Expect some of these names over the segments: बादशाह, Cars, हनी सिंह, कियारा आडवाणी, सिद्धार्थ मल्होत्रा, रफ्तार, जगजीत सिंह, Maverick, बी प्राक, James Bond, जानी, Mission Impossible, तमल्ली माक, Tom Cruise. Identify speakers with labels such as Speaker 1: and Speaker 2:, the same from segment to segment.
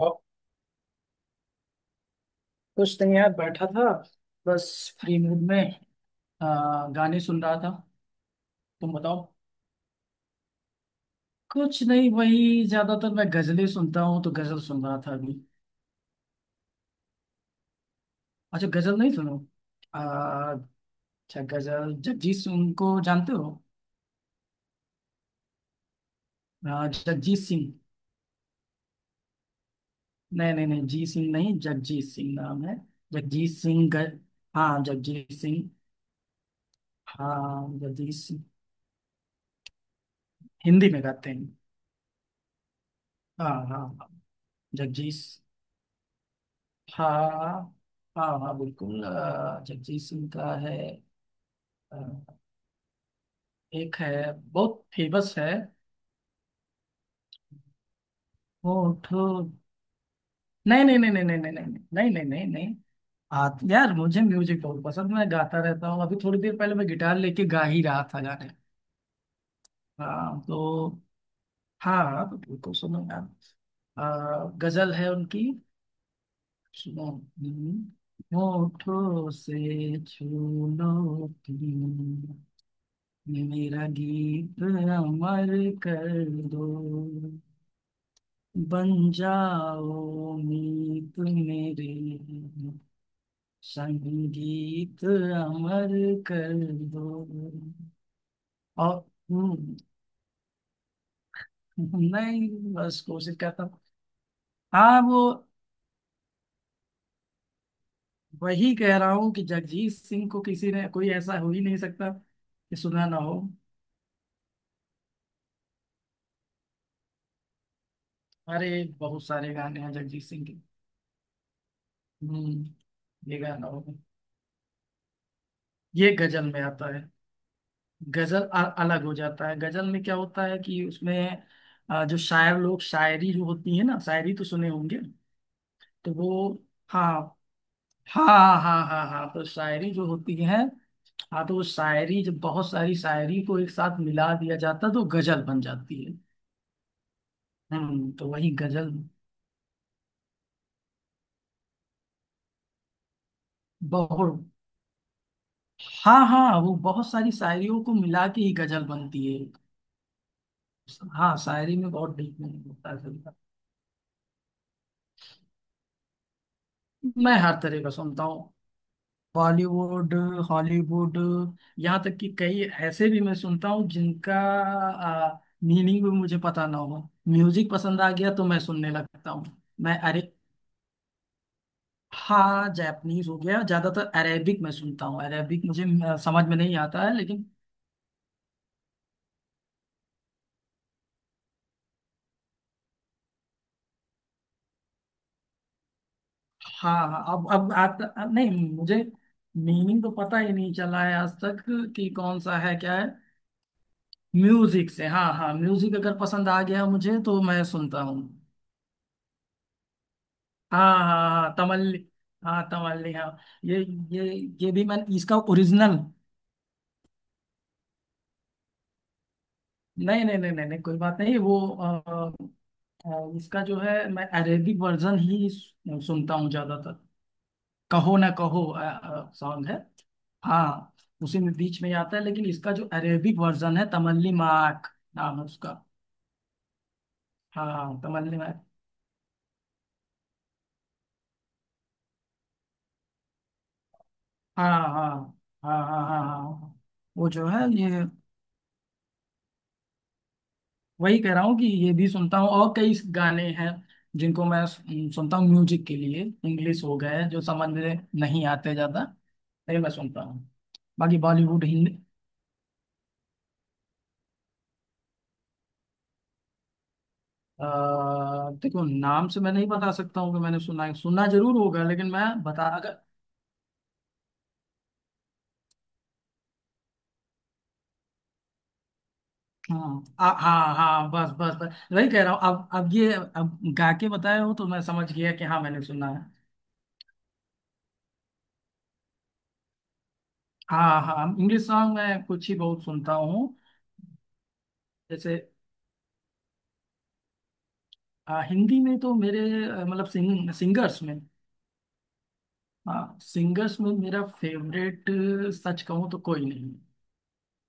Speaker 1: और कुछ नहीं यार, बैठा था। बस फ्री मूड में गाने सुन रहा था। तुम बताओ। कुछ नहीं, वही ज्यादातर मैं गजलें सुनता हूँ, तो गजल सुन रहा था अभी। अच्छा, गजल नहीं सुनो। आ, अच्छा, गजल, जगजीत सिंह को जानते हो। जगजीत सिंह। नहीं नहीं नहीं, जी सिंह नहीं, जगजीत सिंह नाम है। जगजीत सिंह हाँ, जगजीत सिंह। हाँ, जगजीत सिंह, हिंदी में गाते हैं। हाँ हाँ, जगजीत। हाँ हाँ हाँ, बिल्कुल जगजीत सिंह का है। अ, एक है, बहुत फेमस है। होठ नहीं नहीं नहीं नहीं नहीं नहीं नहीं नहीं नहीं नहीं नहीं। यार, मुझे म्यूजिक बहुत पसंद, मैं गाता रहता हूँ, अभी थोड़ी देर पहले मैं गिटार लेके गा ही रहा था गाने। हाँ तो। हाँ हाँ, तो बिल्कुल सुनो यार। गजल है उनकी। सुनो। हम्म, होठों से छू लो तुम, ये मेरा गीत अमर कर दो, बन जाओ मीत मेरे, संगीत अमर कर दो। और। हम्म, नहीं, बस कोशिश करता हूँ। हाँ वो, वही कह रहा हूँ कि जगजीत सिंह को किसी ने, कोई ऐसा हो ही नहीं सकता कि सुना ना हो। अरे, बहुत सारे गाने हैं जगजीत सिंह के। हम्म ये गाना हो, ये गजल में आता है। गजल अलग हो जाता है। गजल में क्या होता है कि उसमें जो शायर लोग, शायरी जो होती है ना, शायरी तो सुने होंगे। तो वो। हाँ हाँ हाँ हाँ। हाँ तो शायरी जो होती है। हाँ तो वो शायरी जब बहुत सारी शायरी को एक साथ मिला दिया जाता है, तो गजल बन जाती है। तो वही गजल। बहुत। हाँ हाँ, वो बहुत सारी शायरियों को मिला के ही गजल बनती है। हाँ, शायरी में बहुत डीप मीनिंग होता है गजल का। मैं हर तरह का सुनता हूँ। बॉलीवुड, हॉलीवुड, यहाँ तक कि कई ऐसे भी मैं सुनता हूँ जिनका मीनिंग भी मुझे पता ना हो। म्यूजिक पसंद आ गया तो मैं सुनने लगता हूँ। मैं, अरे, हाँ, जापानीज हो गया, ज्यादातर अरेबिक मैं सुनता हूँ। अरेबिक मुझे समझ में नहीं आता है, लेकिन हाँ हाँ। अब आता, अब नहीं, मुझे मीनिंग तो पता ही नहीं चला है आज तक कि कौन सा है, क्या है। म्यूजिक से, हाँ हाँ, म्यूजिक अगर पसंद आ गया मुझे तो मैं सुनता हूँ। हाँ हाँ हाँ हाँ, तमल्ली। हाँ, तमल्ली, हाँ। ये ये ये भी मैंने इसका ओरिजिनल, नहीं नहीं नहीं नहीं नहीं, कोई बात नहीं। वो इसका जो है, मैं अरेबिक वर्जन ही सुनता हूँ ज्यादातर। कहो ना कहो सॉन्ग है। हाँ, उसी में बीच में आता है, लेकिन इसका जो अरेबिक वर्जन है, तमल्ली माक नाम है उसका। हाँ, तमल्ली माक। हाँ हाँ हाँ हाँ हाँ हाँ हाँ। वो जो है ये, वही कह रहा हूँ कि ये भी सुनता हूँ, और कई गाने हैं जिनको मैं सुनता हूँ म्यूजिक के लिए। इंग्लिश हो गए, जो समझ में नहीं आते ज्यादा। नहीं, मैं सुनता हूँ। बाकी बॉलीवुड हिंदी। अ, देखो, नाम से मैं नहीं बता सकता हूँ कि मैंने सुना है। सुना जरूर होगा, लेकिन मैं बता, अगर हाँ हाँ हाँ, बस बस बस वही कह रहा हूँ। अब ये, अब गा के बताए हो तो मैं समझ गया कि हाँ, मैंने सुना है। हाँ हाँ, इंग्लिश सॉन्ग मैं कुछ ही, बहुत सुनता हूँ जैसे। हाँ, हिंदी में तो मेरे मतलब सिंगर्स में, हाँ, सिंगर्स में मेरा फेवरेट सच कहूँ तो कोई नहीं।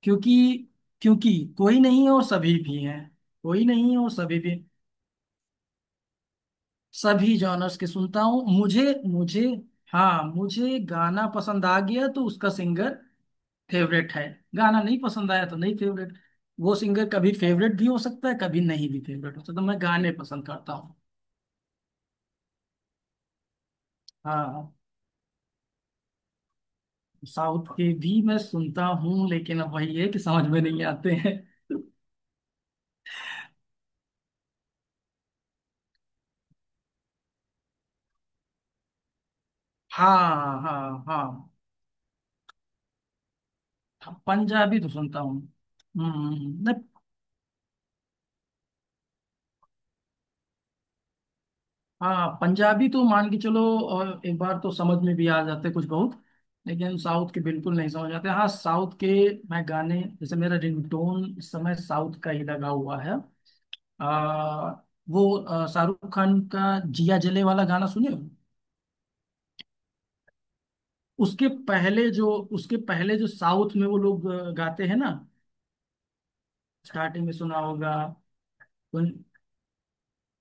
Speaker 1: क्योंकि क्योंकि कोई नहीं है और सभी भी हैं। कोई नहीं है और सभी भी, सभी जॉनर्स के सुनता हूँ मुझे। मुझे, हाँ, मुझे गाना पसंद आ गया तो उसका सिंगर फेवरेट है। गाना नहीं पसंद आया तो नहीं फेवरेट। वो सिंगर कभी फेवरेट भी हो सकता है, कभी नहीं भी फेवरेट हो सकता, मैं गाने पसंद करता हूँ। हाँ, साउथ के भी मैं सुनता हूँ, लेकिन अब वही है कि समझ में नहीं आते हैं। हाँ हाँ हाँ हाँ, पंजाबी तो सुनता हूँ। नहीं, हाँ, पंजाबी तो मान के चलो। और एक बार तो समझ में भी आ जाते कुछ बहुत, लेकिन साउथ के बिल्कुल नहीं समझ आते। हाँ, साउथ के, मैं गाने जैसे मेरा रिंगटोन इस समय साउथ का ही लगा हुआ है। आ, वो शाहरुख खान का जिया जले वाला गाना सुने हो। उसके पहले जो साउथ में वो लोग गाते हैं ना, स्टार्टिंग में सुना होगा। उन-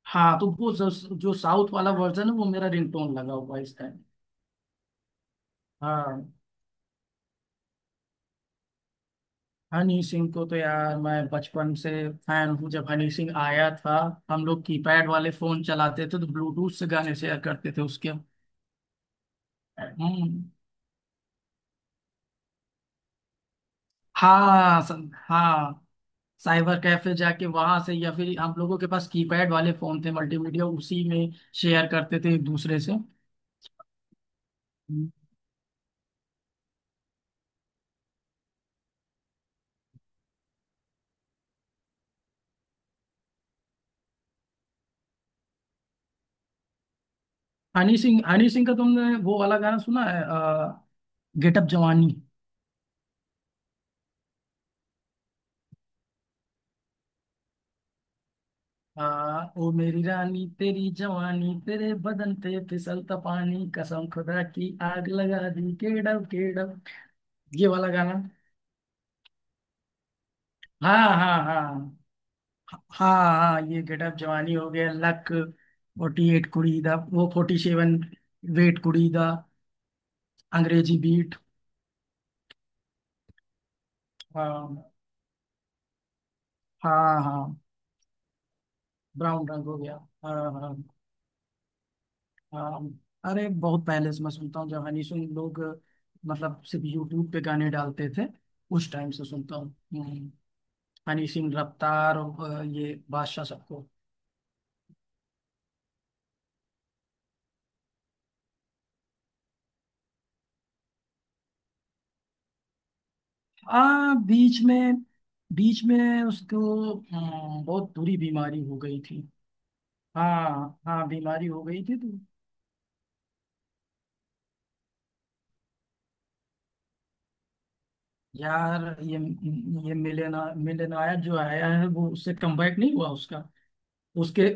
Speaker 1: हाँ, तो वो जो साउथ वाला वर्जन है वो मेरा रिंगटोन लगा हुआ है इस टाइम। हाँ, हनी सिंह को तो यार, मैं बचपन से फैन हूँ। जब हनी सिंह आया था, हम लोग कीपैड वाले फोन चलाते थे तो ब्लूटूथ से गाने शेयर करते थे उसके। हम्म। हाँ, हाँ, साइबर कैफे जाके, वहां से, या फिर हम लोगों के पास कीपैड वाले फोन थे, मल्टीमीडिया उसी में शेयर करते थे एक दूसरे से। हम्म। हनी सिंह, हनी सिंह का तुमने वो वाला गाना सुना है, गेटअप जवानी। आ, ओ मेरी रानी तेरी जवानी, तेरे बदन पे फिसलता पानी, कसम खुदा की आग लगा दी, केडम केडम। ये वाला गाना। हाँ हाँ हाँ हाँ हाँ। ये गेटअप जवानी हो गया, लक फोर्टी एट कुड़ी दा, वो फोर्टी सेवन वेट कुड़ी दा, अंग्रेजी बीट। हाँ हाँ हाँ। ब्राउन रंग हो गया। हाँ हाँ हाँ। अरे, बहुत पहले से मैं सुनता हूँ जब हनी सिंह लोग, मतलब, सिर्फ यूट्यूब पे गाने डालते थे, उस टाइम से सुनता हूँ। हम्म, हनी सिंह, रफ्तार और ये बादशाह सबको। हाँ, बीच में, बीच में उसको बहुत बुरी बीमारी हो गई थी। हाँ हाँ, बीमारी हो गई थी तो यार ये मिलेनायक जो आया है, वो उससे कमबैक नहीं हुआ उसका। उसके,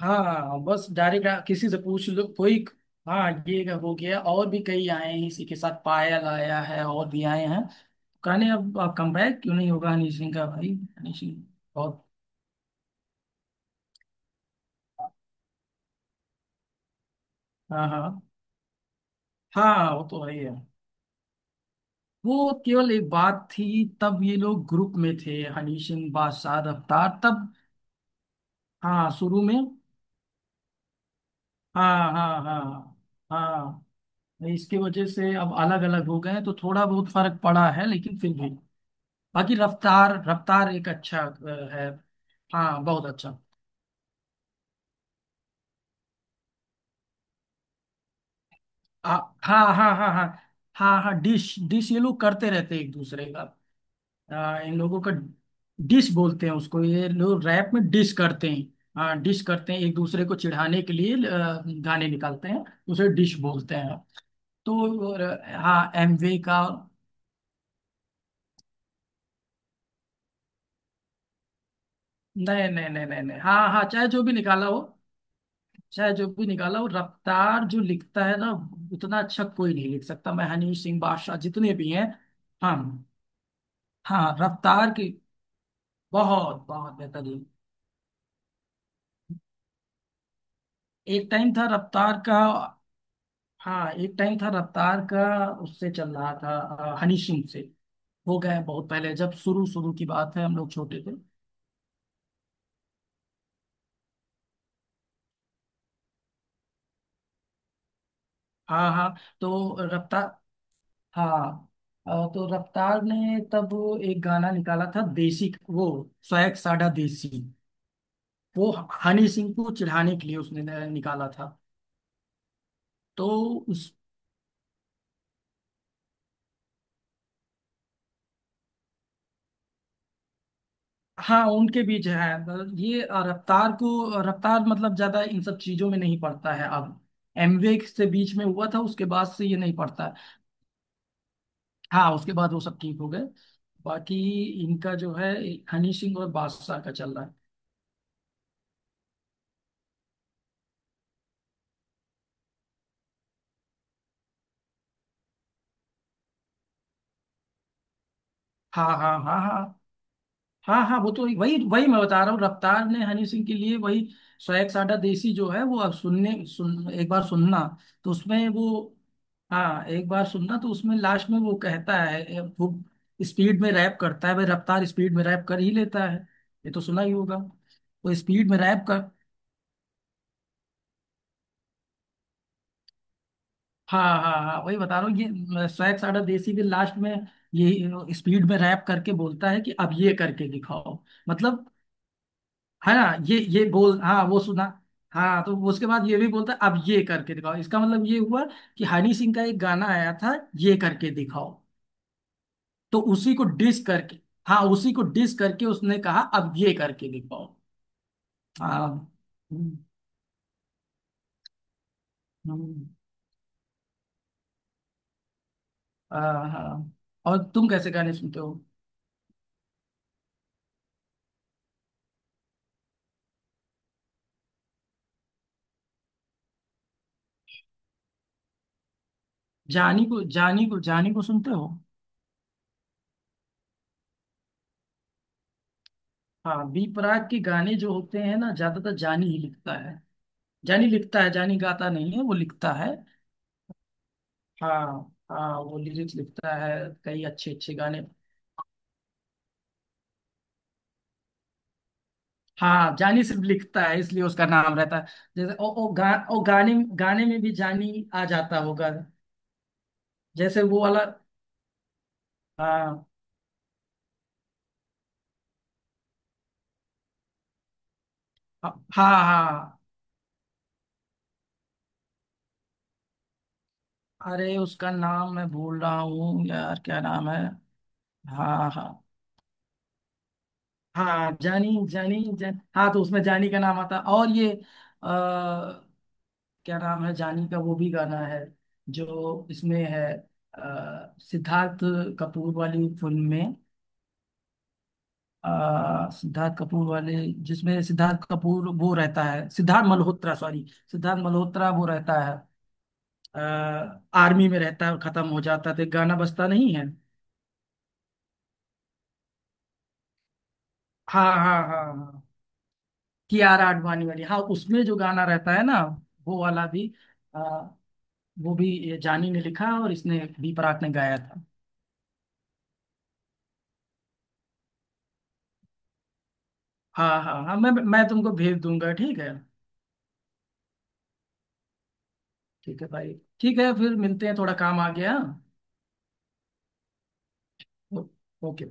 Speaker 1: हाँ, बस डायरेक्ट किसी से पूछ लो कोई। हाँ, ये हो गया, और भी कई आए हैं इसी के साथ, पायल आया है, और भी आए हैं, कहने अब कमबैक क्यों नहीं होगा हनी सिंह का, भाई। हनी सिंह, बहुत। हाँ हाँ हाँ, वो तो है ही है, वो केवल एक बात थी तब ये लोग ग्रुप में थे, हनी सिंह, बादशाह, रफ्तार तब। हाँ, शुरू में, हाँ हाँ हाँ हाँ, इसकी वजह से अब अलग अलग हो गए हैं, तो थोड़ा बहुत फर्क पड़ा है, लेकिन फिर भी बाकी रफ्तार, रफ्तार एक अच्छा है। हाँ, बहुत अच्छा। आ, हाँ हाँ हाँ हाँ हाँ हाँ, डिश डिश ये लोग करते रहते हैं एक दूसरे का। इन लोगों का डिश बोलते हैं उसको, ये लोग रैप में डिश करते हैं। हाँ, डिश करते हैं एक दूसरे को चिढ़ाने के लिए गाने निकालते हैं, उसे डिश बोलते हैं। तो और, हाँ, एमवे का, नहीं नहीं नहीं नहीं नहीं, हाँ हाँ, चाहे जो भी निकाला हो, चाहे जो भी निकाला, वो रफ्तार जो लिखता है ना, उतना अच्छा कोई नहीं लिख सकता, मैं हनीश सिंह बादशाह जितने भी हैं। हाँ हाँ, रफ्तार की बहुत बहुत बेहतरीन, एक टाइम था रफ्तार का। हाँ, एक टाइम था रफ्तार का, उससे चल रहा था हनीश सिंह से, हो गए हैं बहुत पहले, जब शुरू शुरू की बात है हम लोग छोटे थे। हाँ हाँ, तो रफ्तार, हाँ, तो रफ्तार ने तब एक गाना निकाला था, देसी। वो सोएग साडा देसी, वो हनी सिंह को चिढ़ाने के लिए उसने निकाला था तो, उस हाँ, उनके बीच है। मतलब ये रफ्तार को, रफ्तार मतलब ज्यादा इन सब चीजों में नहीं पड़ता है अब, एमवे से बीच में हुआ था, उसके बाद से ये नहीं पड़ता है। हाँ, उसके बाद वो सब ठीक हो गए। बाकी इनका जो है, हनी सिंह और बादशाह का चल रहा है। हाँ हाँ हाँ हाँ हाँ हाँ, वो तो वही वही मैं बता रहा हूँ। रफ्तार ने हनी सिंह के लिए वही सौ एक साडा देसी जो है, वो अब सुनने, सुन एक बार सुनना तो उसमें वो, हाँ, एक बार सुनना। तो उसमें लास्ट में वो कहता है, वो स्पीड में रैप करता है भाई, रफ्तार स्पीड में रैप कर ही लेता है, ये तो सुना ही होगा। वो स्पीड में रैप कर, हाँ हाँ हाँ, वही बता रहा हूँ, ये सौ एक साडा देसी भी लास्ट में यही स्पीड में रैप करके बोलता है कि अब ये करके दिखाओ। मतलब, है ना, ये बोल, हाँ, वो सुना। हाँ तो उसके बाद ये भी बोलता है, अब ये करके दिखाओ, इसका मतलब ये हुआ कि हनी सिंह का एक गाना आया था, ये करके दिखाओ, तो उसी को डिस करके, हाँ, उसी को डिस करके उसने कहा अब ये करके दिखाओ। हाँ, हम्म, हम्म, हाँ हाँ। और तुम कैसे गाने सुनते हो। जानी को सुनते हो। हाँ, बी प्राक के गाने जो होते हैं ना, ज्यादातर जानी ही लिखता है, जानी लिखता है, जानी गाता नहीं है, वो लिखता है। हाँ हाँ, वो लिरिक्स लिखता है, कई अच्छे अच्छे गाने। हाँ, जानी सिर्फ लिखता है, इसलिए उसका नाम रहता है, जैसे ओ ओ, गा, ओ गाने गाने में भी जानी आ जाता होगा, जैसे वो वाला। हाँ हाँ हाँ हाँ। अरे, उसका नाम मैं भूल रहा हूँ यार, क्या नाम है, हाँ हाँ हाँ, जानी जानी जान, हाँ तो उसमें जानी का नाम आता, और ये क्या नाम है, जानी का वो भी गाना है जो इसमें है, सिद्धार्थ कपूर वाली फिल्म में, सिद्धार्थ कपूर वाले, जिसमें सिद्धार्थ कपूर वो रहता है, सिद्धार्थ मल्होत्रा, सॉरी, सिद्धार्थ मल्होत्रा वो रहता है, अ, आर्मी में रहता है और खत्म हो जाता है तो एक गाना बजता नहीं है। हाँ हाँ हाँ हाँ, कियारा आडवाणी वाली, हाँ उसमें जो गाना रहता है ना, वो वाला भी अ, वो भी ये जानी ने लिखा और इसने भी प्राक ने गाया था। हाँ हाँ हाँ, मैं तुमको भेज दूंगा, ठीक है, ठीक है भाई, ठीक है, फिर मिलते हैं, थोड़ा काम आ गया। ओ- ओके।